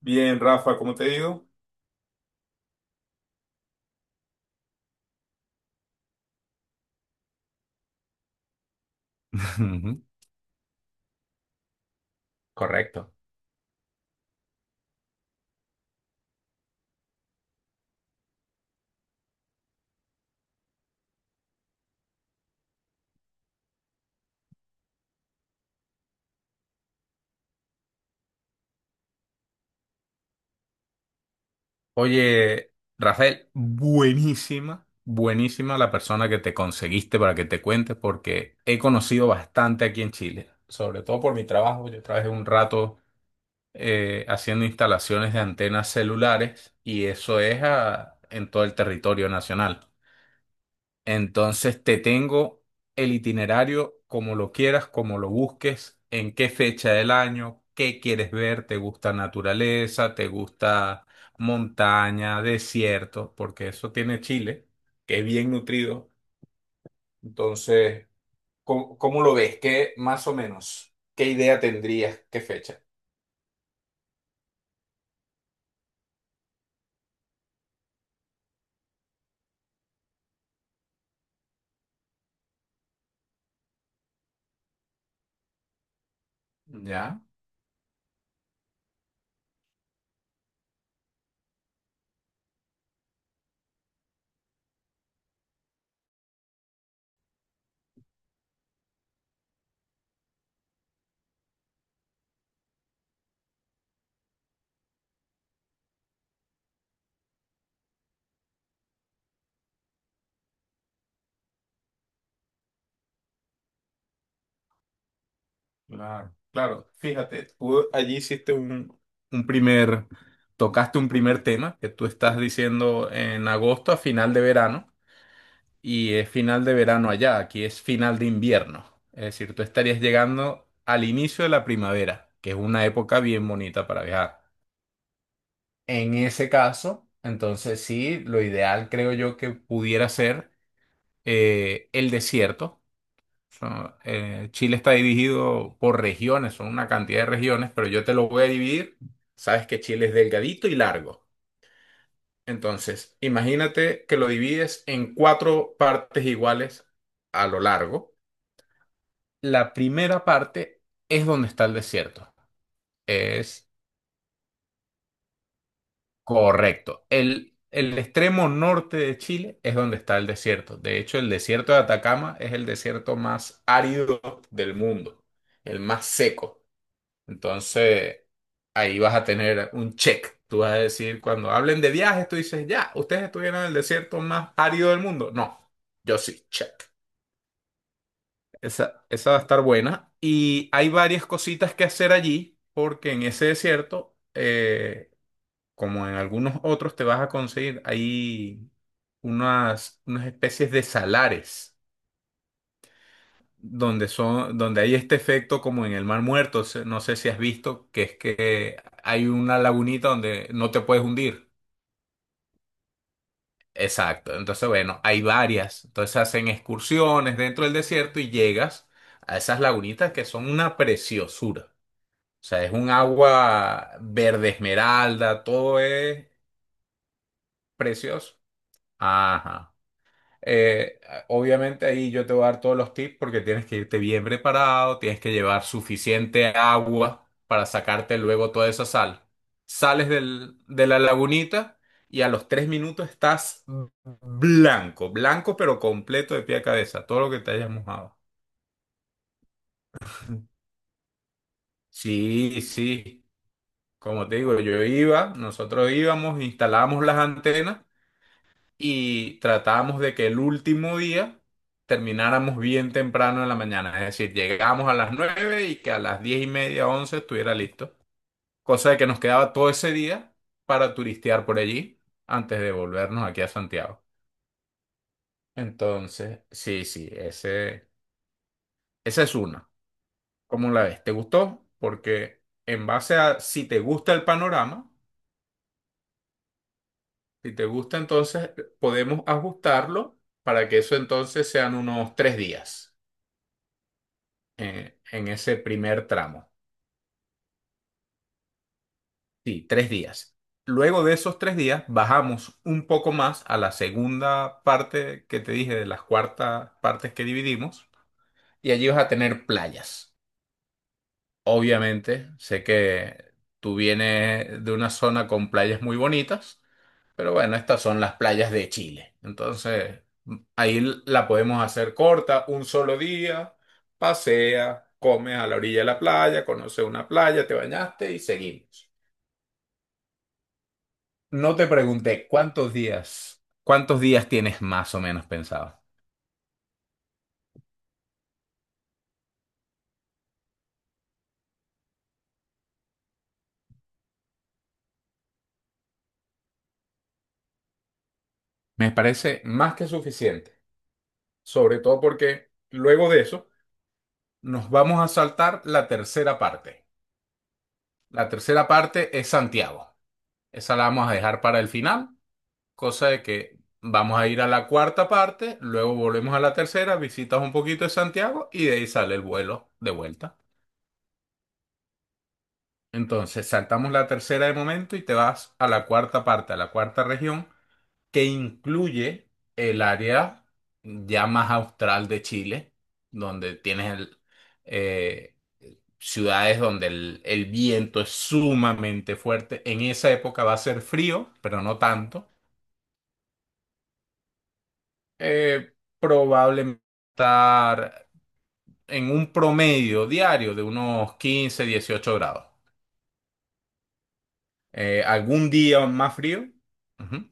Bien, Rafa, ¿cómo te digo? Ujú. Correcto. Oye, Rafael, buenísima, buenísima la persona que te conseguiste para que te cuente, porque he conocido bastante aquí en Chile, sobre todo por mi trabajo. Yo trabajé un rato haciendo instalaciones de antenas celulares y eso es en todo el territorio nacional. Entonces te tengo el itinerario como lo quieras, como lo busques, en qué fecha del año, qué quieres ver, te gusta naturaleza, te gusta montaña, desierto, porque eso tiene Chile, que es bien nutrido. Entonces, ¿cómo lo ves? ¿Qué más o menos? ¿Qué idea tendrías? ¿Qué fecha? ¿Ya? Claro, claro, fíjate, tú allí hiciste un primer, tocaste un primer tema que tú estás diciendo en agosto a final de verano, y es final de verano allá, aquí es final de invierno, es decir, tú estarías llegando al inicio de la primavera, que es una época bien bonita para viajar. En ese caso, entonces sí, lo ideal creo yo que pudiera ser el desierto. Chile está dividido por regiones, son una cantidad de regiones, pero yo te lo voy a dividir. Sabes que Chile es delgadito y largo. Entonces, imagínate que lo divides en cuatro partes iguales a lo largo. La primera parte es donde está el desierto. Es correcto. El extremo norte de Chile es donde está el desierto. De hecho, el desierto de Atacama es el desierto más árido del mundo, el más seco. Entonces, ahí vas a tener un check. Tú vas a decir, cuando hablen de viajes, tú dices, ya, ¿ustedes estuvieron en el desierto más árido del mundo? No, yo sí, check. Esa va a estar buena. Y hay varias cositas que hacer allí, porque en ese desierto, como en algunos otros, te vas a conseguir ahí unas especies de salares, donde son, donde hay este efecto como en el Mar Muerto, no sé si has visto, que es que hay una lagunita donde no te puedes hundir. Exacto, entonces bueno, hay varias, entonces hacen excursiones dentro del desierto y llegas a esas lagunitas que son una preciosura. O sea, es un agua verde esmeralda, todo es precioso. Ajá. Eh, obviamente ahí yo te voy a dar todos los tips porque tienes que irte bien preparado, tienes que llevar suficiente agua para sacarte luego toda esa sal. Sales de la lagunita y a los 3 minutos estás blanco, blanco pero completo de pie a cabeza, todo lo que te hayas mojado. Sí, sí, como te digo, yo iba, nosotros íbamos, instalábamos las antenas y tratábamos de que el último día termináramos bien temprano en la mañana, es decir, llegábamos a las 9 y que a las 10:30, 11 estuviera listo, cosa de que nos quedaba todo ese día para turistear por allí antes de volvernos aquí a Santiago. Entonces, sí, sí, esa es una. ¿Cómo la ves? ¿Te gustó? Porque en base a si te gusta el panorama, si te gusta, entonces podemos ajustarlo para que eso entonces sean unos 3 días en ese primer tramo. Sí, 3 días. Luego de esos 3 días bajamos un poco más a la segunda parte que te dije de las cuartas partes que dividimos, y allí vas a tener playas. Obviamente, sé que tú vienes de una zona con playas muy bonitas, pero bueno, estas son las playas de Chile. Entonces, ahí la podemos hacer corta, un solo día, pasea, comes a la orilla de la playa, conoces una playa, te bañaste y seguimos. No te pregunté cuántos días tienes más o menos pensado. Me parece más que suficiente, sobre todo porque luego de eso nos vamos a saltar la tercera parte. La tercera parte es Santiago. Esa la vamos a dejar para el final, cosa de que vamos a ir a la cuarta parte, luego volvemos a la tercera, visitas un poquito de Santiago y de ahí sale el vuelo de vuelta. Entonces saltamos la tercera de momento y te vas a la cuarta parte, a la cuarta región, que incluye el área ya más austral de Chile, donde tienes eh, ciudades donde el viento es sumamente fuerte. En esa época va a ser frío, pero no tanto. Eh, probablemente estar en un promedio diario de unos 15, 18 grados. Algún día más frío. Ujú.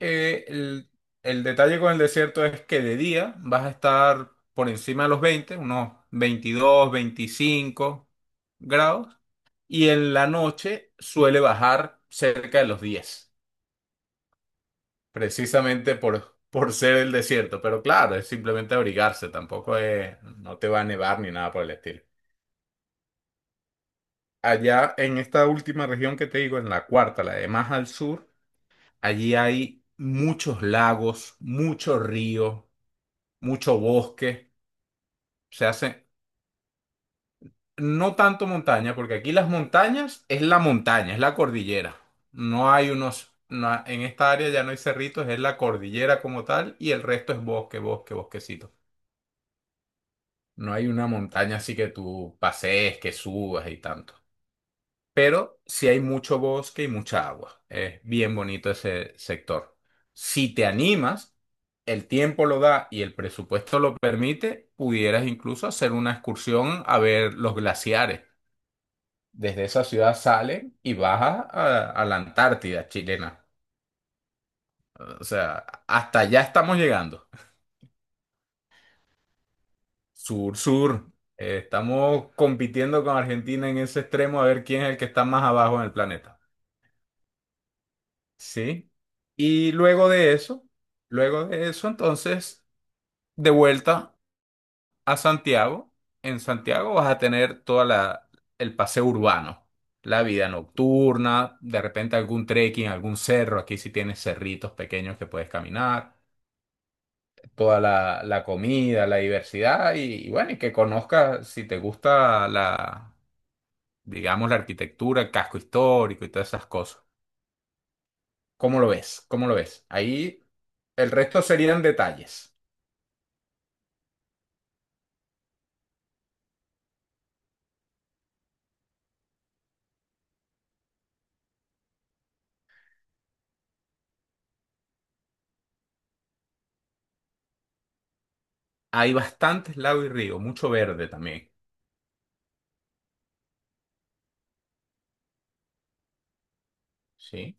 Eh, el, el detalle con el desierto es que de día vas a estar por encima de los 20, unos 22, 25 grados, y en la noche suele bajar cerca de los 10. Precisamente por ser el desierto. Pero claro, es simplemente abrigarse, tampoco es, no te va a nevar ni nada por el estilo. Allá en esta última región que te digo, en la cuarta, la de más al sur, allí hay muchos lagos, muchos ríos, mucho bosque. Se hace no tanto montaña, porque aquí las montañas es la montaña, es la cordillera. No hay unos. En esta área ya no hay cerritos, es la cordillera como tal y el resto es bosque, bosque, bosquecito. No hay una montaña así que tú pasees, que subas y tanto. Pero sí hay mucho bosque y mucha agua. Es bien bonito ese sector. Si te animas, el tiempo lo da y el presupuesto lo permite, pudieras incluso hacer una excursión a ver los glaciares. Desde esa ciudad salen y baja a la Antártida chilena. O sea, hasta allá estamos llegando. Sur, sur. Estamos compitiendo con Argentina en ese extremo a ver quién es el que está más abajo en el planeta. ¿Sí? Y luego de eso, entonces, de vuelta a Santiago. En Santiago vas a tener el paseo urbano, la vida nocturna, de repente algún trekking, algún cerro. Aquí sí tienes cerritos pequeños que puedes caminar, toda la comida, la diversidad, y bueno, y que conozcas si te gusta la, digamos, la arquitectura, el casco histórico y todas esas cosas. ¿Cómo lo ves? ¿Cómo lo ves? Ahí el resto serían detalles. Hay bastantes lagos y ríos, mucho verde también, ¿sí?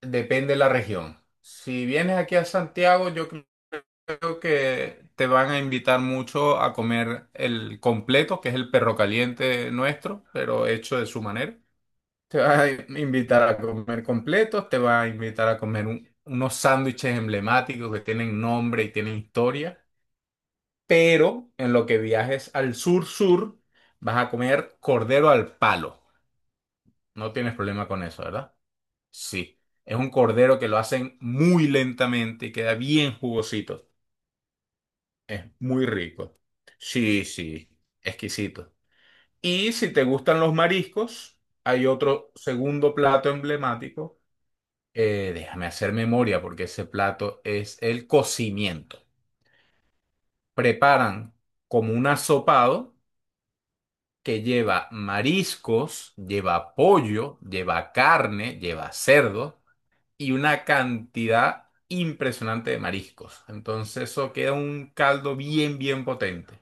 Depende de la región. Si vienes aquí a Santiago, yo creo que te van a invitar mucho a comer el completo, que es el perro caliente nuestro, pero hecho de su manera. Te va a invitar a comer completos, te va a invitar a comer unos sándwiches emblemáticos que tienen nombre y tienen historia, pero en lo que viajes al sur-sur vas a comer cordero al palo. No tienes problema con eso, ¿verdad? Sí, es un cordero que lo hacen muy lentamente y queda bien jugosito. Es muy rico. Sí, sí, exquisito. Y si te gustan los mariscos, hay otro segundo plato emblemático. Déjame hacer memoria porque ese plato es el cocimiento. Preparan como un asopado que lleva mariscos, lleva pollo, lleva carne, lleva cerdo y una cantidad impresionante de mariscos. Entonces eso queda un caldo bien, bien potente.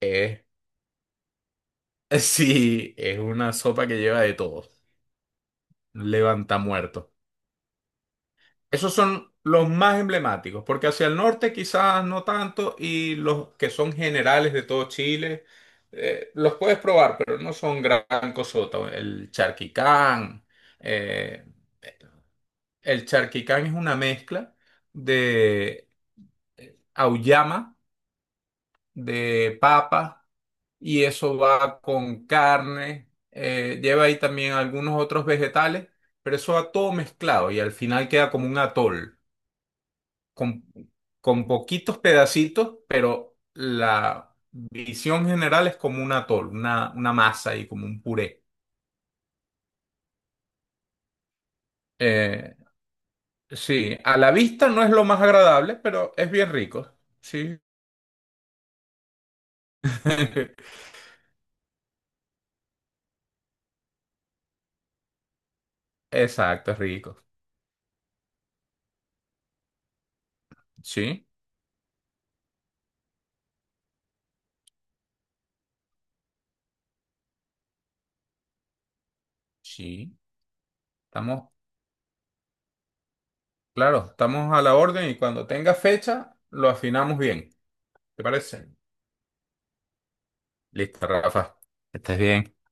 Eh, sí, es una sopa que lleva de todo. Levanta muerto. Esos son los más emblemáticos, porque hacia el norte quizás no tanto, y los que son generales de todo Chile, los puedes probar, pero no son gran cosota. Eh, el charquicán es una mezcla de auyama, de papa, y eso va con carne, lleva ahí también algunos otros vegetales, pero eso va todo mezclado y al final queda como un atol, con, con poquitos pedacitos, pero la visión general es como un atol, una masa y como un puré. Eh, sí, a la vista no es lo más agradable, pero es bien rico. Sí. Exacto, es rico. Sí, sí. Estamos, claro, estamos a la orden y cuando tenga fecha lo afinamos bien. ¿Te parece? Listo, Rafa. Estés bien.